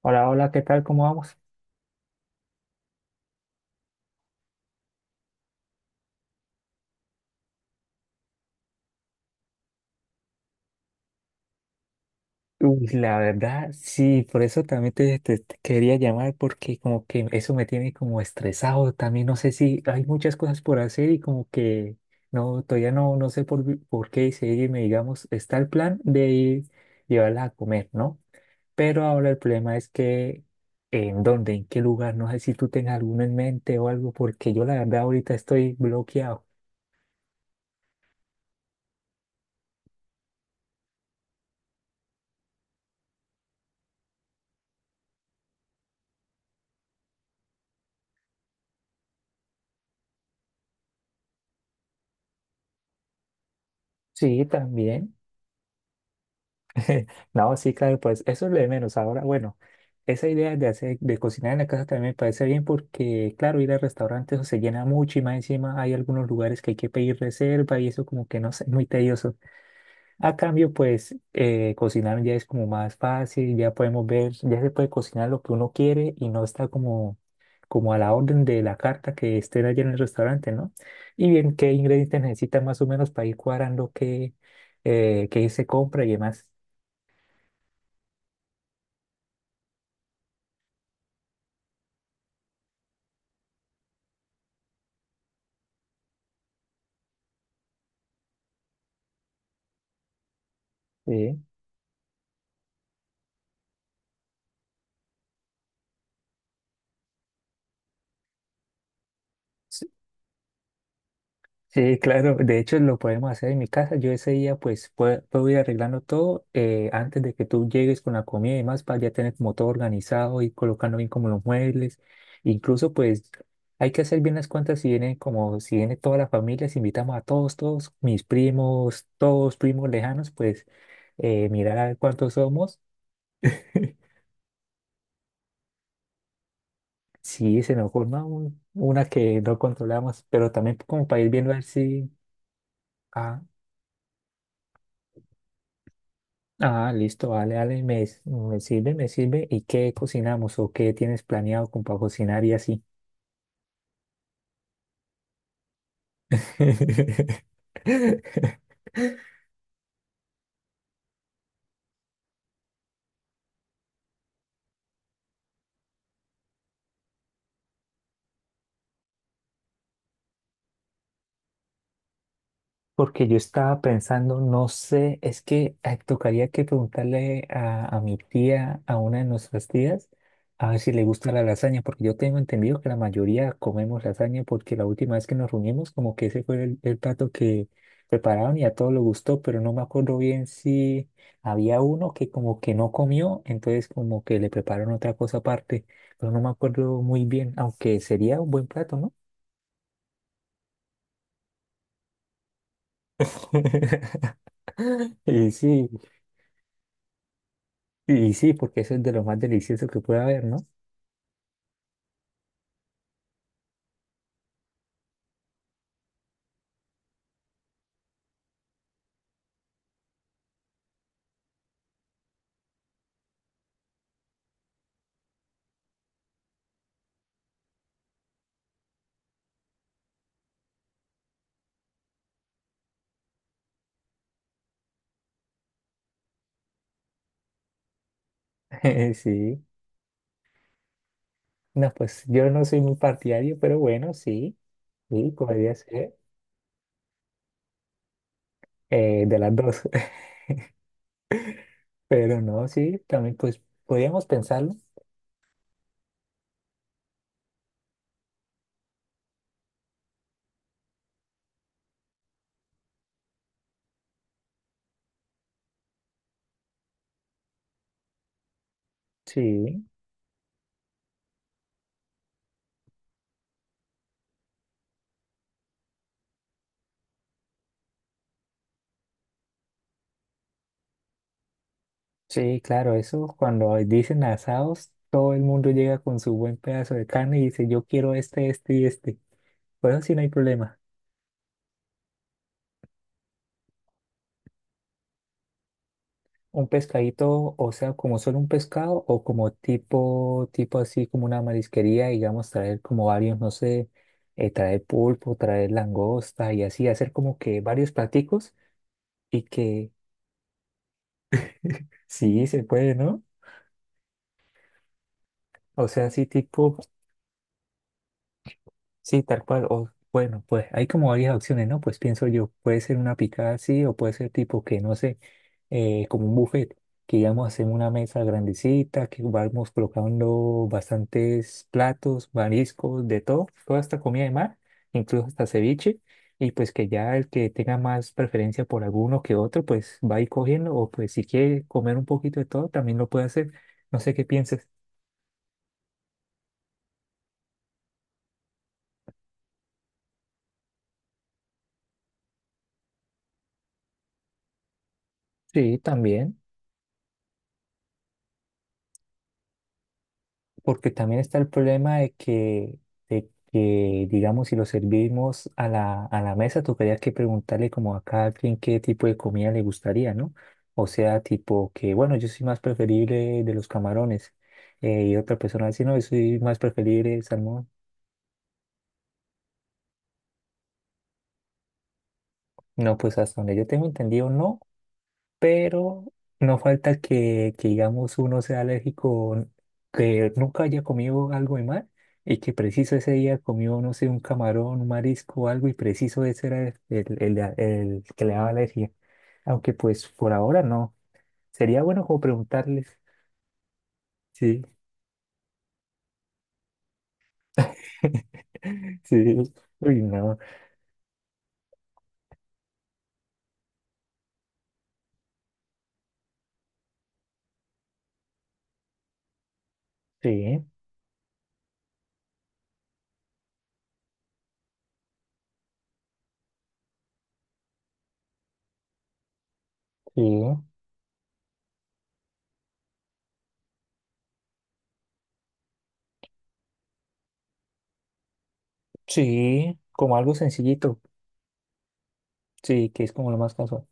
Hola, hola, ¿qué tal? ¿Cómo vamos? Uy, la verdad, sí, por eso también te quería llamar porque como que eso me tiene como estresado. También no sé si hay muchas cosas por hacer y como que no, todavía no, no sé por qué seguirme, digamos, está el plan de ir llevarla a comer, ¿no? Pero ahora el problema es que en dónde, en qué lugar, no sé si tú tengas alguno en mente o algo, porque yo la verdad ahorita estoy bloqueado. Sí, también. No, sí, claro, pues eso es lo de menos. Ahora, bueno, esa idea de hacer, de cocinar en la casa también me parece bien porque, claro, ir al restaurante eso se llena mucho y más encima hay algunos lugares que hay que pedir reserva y eso como que no sé, muy tedioso. A cambio, pues cocinar ya es como más fácil, ya podemos ver, ya se puede cocinar lo que uno quiere y no está como a la orden de la carta que esté allá en el restaurante, ¿no? Y bien, qué ingredientes necesitan más o menos para ir cuadrando qué se compra y demás. Sí. Sí, claro, de hecho lo podemos hacer en mi casa. Yo ese día pues puedo ir arreglando todo antes de que tú llegues con la comida y demás para ya tener como todo organizado y colocando bien como los muebles. Incluso pues hay que hacer bien las cuentas si viene como si viene toda la familia, si invitamos a todos, todos, mis primos, todos primos lejanos, pues mirar a ver cuántos somos. Sí, se nos forma una que no controlamos, pero también como para ir viendo a ver si. Ah. Ah, listo, vale, vale, me sirve, me sirve. ¿Y qué cocinamos o qué tienes planeado con para cocinar y así? Porque yo estaba pensando, no sé, es que tocaría que preguntarle a mi tía, a una de nuestras tías, a ver si le gusta la lasaña, porque yo tengo entendido que la mayoría comemos lasaña, porque la última vez que nos reunimos, como que ese fue el plato que prepararon y a todos les gustó, pero no me acuerdo bien si había uno que como que no comió, entonces como que le prepararon otra cosa aparte, pero no me acuerdo muy bien, aunque sería un buen plato, ¿no? Y sí. Y sí, porque eso es de lo más delicioso que puede haber, ¿no? Sí. No, pues yo no soy muy partidario, pero bueno, sí, sí, podría ser de las dos. Pero no, sí, también pues podríamos pensarlo. Sí, sí, claro, eso cuando dicen asados, todo el mundo llega con su buen pedazo de carne y dice, yo quiero este, este y este. Bueno, sí, no hay problema. Un pescadito, o sea, como solo un pescado o como tipo así como una marisquería, digamos, traer como varios, no sé, traer pulpo, traer langosta y así, hacer como que varios platicos y que sí se puede, ¿no? O sea, así tipo. Sí, tal cual. O bueno, pues hay como varias opciones, ¿no? Pues pienso yo, puede ser una picada así o puede ser tipo que, no sé, como un buffet, que digamos hacemos una mesa grandecita, que vamos colocando bastantes platos, mariscos, de todo, toda esta comida de mar, incluso hasta ceviche, y pues que ya el que tenga más preferencia por alguno que otro, pues va a ir cogiendo, o pues si quiere comer un poquito de todo, también lo puede hacer. No sé qué pienses. Sí, también. Porque también está el problema de que, digamos, si lo servimos a la mesa, tocaría que preguntarle como a cada quien qué tipo de comida le gustaría, ¿no? O sea, tipo que, bueno, yo soy más preferible de los camarones. Y otra persona dice, no, yo soy más preferible del salmón. No, pues hasta donde yo tengo entendido, no. Pero no falta que, digamos, uno sea alérgico, que nunca haya comido algo de mar y que preciso ese día comió, no sé, un camarón, un marisco o algo y preciso ese era el que le daba alergia. Aunque pues por ahora no. Sería bueno como preguntarles. Sí. Sí. Uy, no. Sí, sí, sí, como algo sencillito. Sí, que es como lo más casual.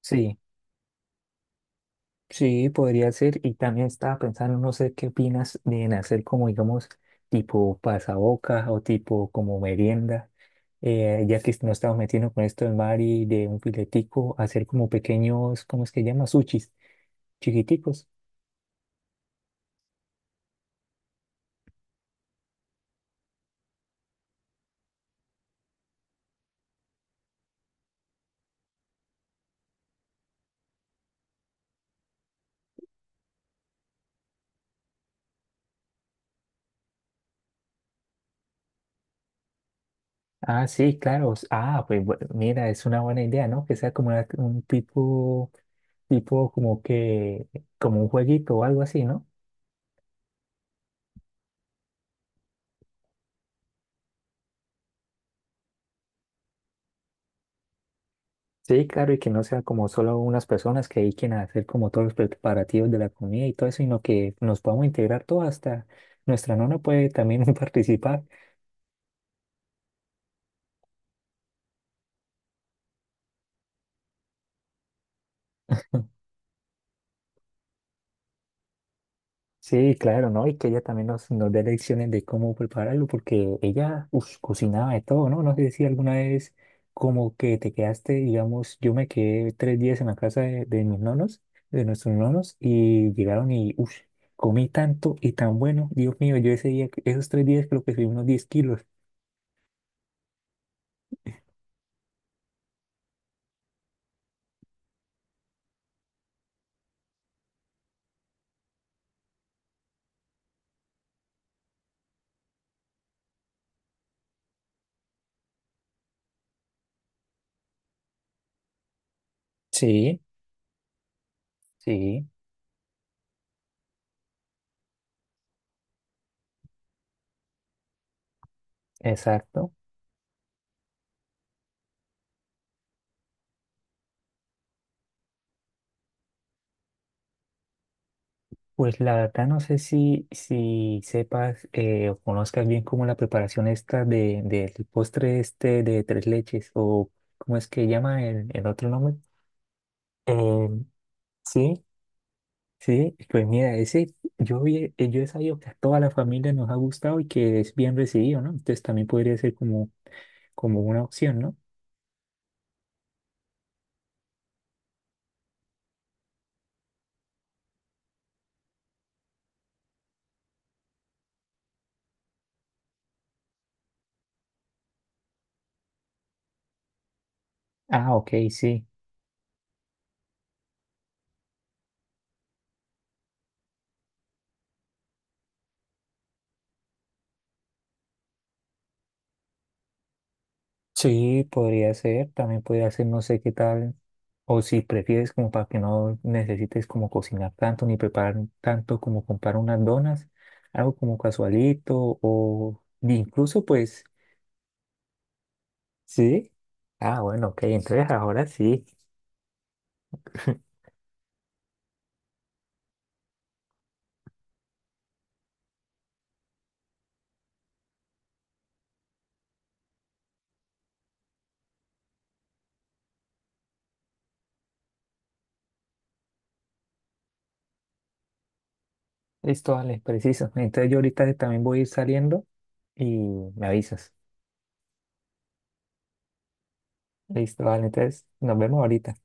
Sí. Sí, podría ser. Y también estaba pensando, no sé qué opinas de en hacer como, digamos, tipo pasabocas o tipo como merienda. Ya que nos estamos metiendo con esto del mar y de un filetico, hacer como pequeños, ¿cómo es que llama? Sushis, chiquiticos. Ah, sí, claro. Ah, pues mira, es una buena idea, ¿no? Que sea como un tipo, como que, como un jueguito o algo así, ¿no? Sí, claro, y que no sea como solo unas personas que dediquen a hacer como todos los preparativos de la comida y todo eso, sino que nos podamos integrar todo hasta nuestra nona puede también participar. Sí, claro, ¿no? Y que ella también nos dé lecciones de cómo prepararlo, porque ella, ush, cocinaba de todo, ¿no? No sé si alguna vez como que te quedaste, digamos, yo me quedé 3 días en la casa de mis nonos, de nuestros nonos, y llegaron y, uff, comí tanto y tan bueno, Dios mío, yo ese día, esos 3 días creo que subí unos 10 kilos. Sí, sí, exacto. Pues la verdad no sé si sepas o conozcas bien como la preparación esta del postre este de tres leches o cómo es que llama el otro nombre. Eh, sí, sí, pues mira, ese yo he sabido que a toda la familia nos ha gustado y que es bien recibido, ¿no? Entonces también podría ser como una opción, ¿no? Ah, ok, sí. Sí, podría ser, también podría ser, no sé qué tal, o si prefieres como para que no necesites como cocinar tanto ni preparar tanto como comprar unas donas, algo como casualito o incluso pues, sí. Ah, bueno, ok, entonces ahora sí, listo, vale, preciso. Entonces yo ahorita también voy a ir saliendo y me avisas. Listo, vale, entonces nos vemos ahorita.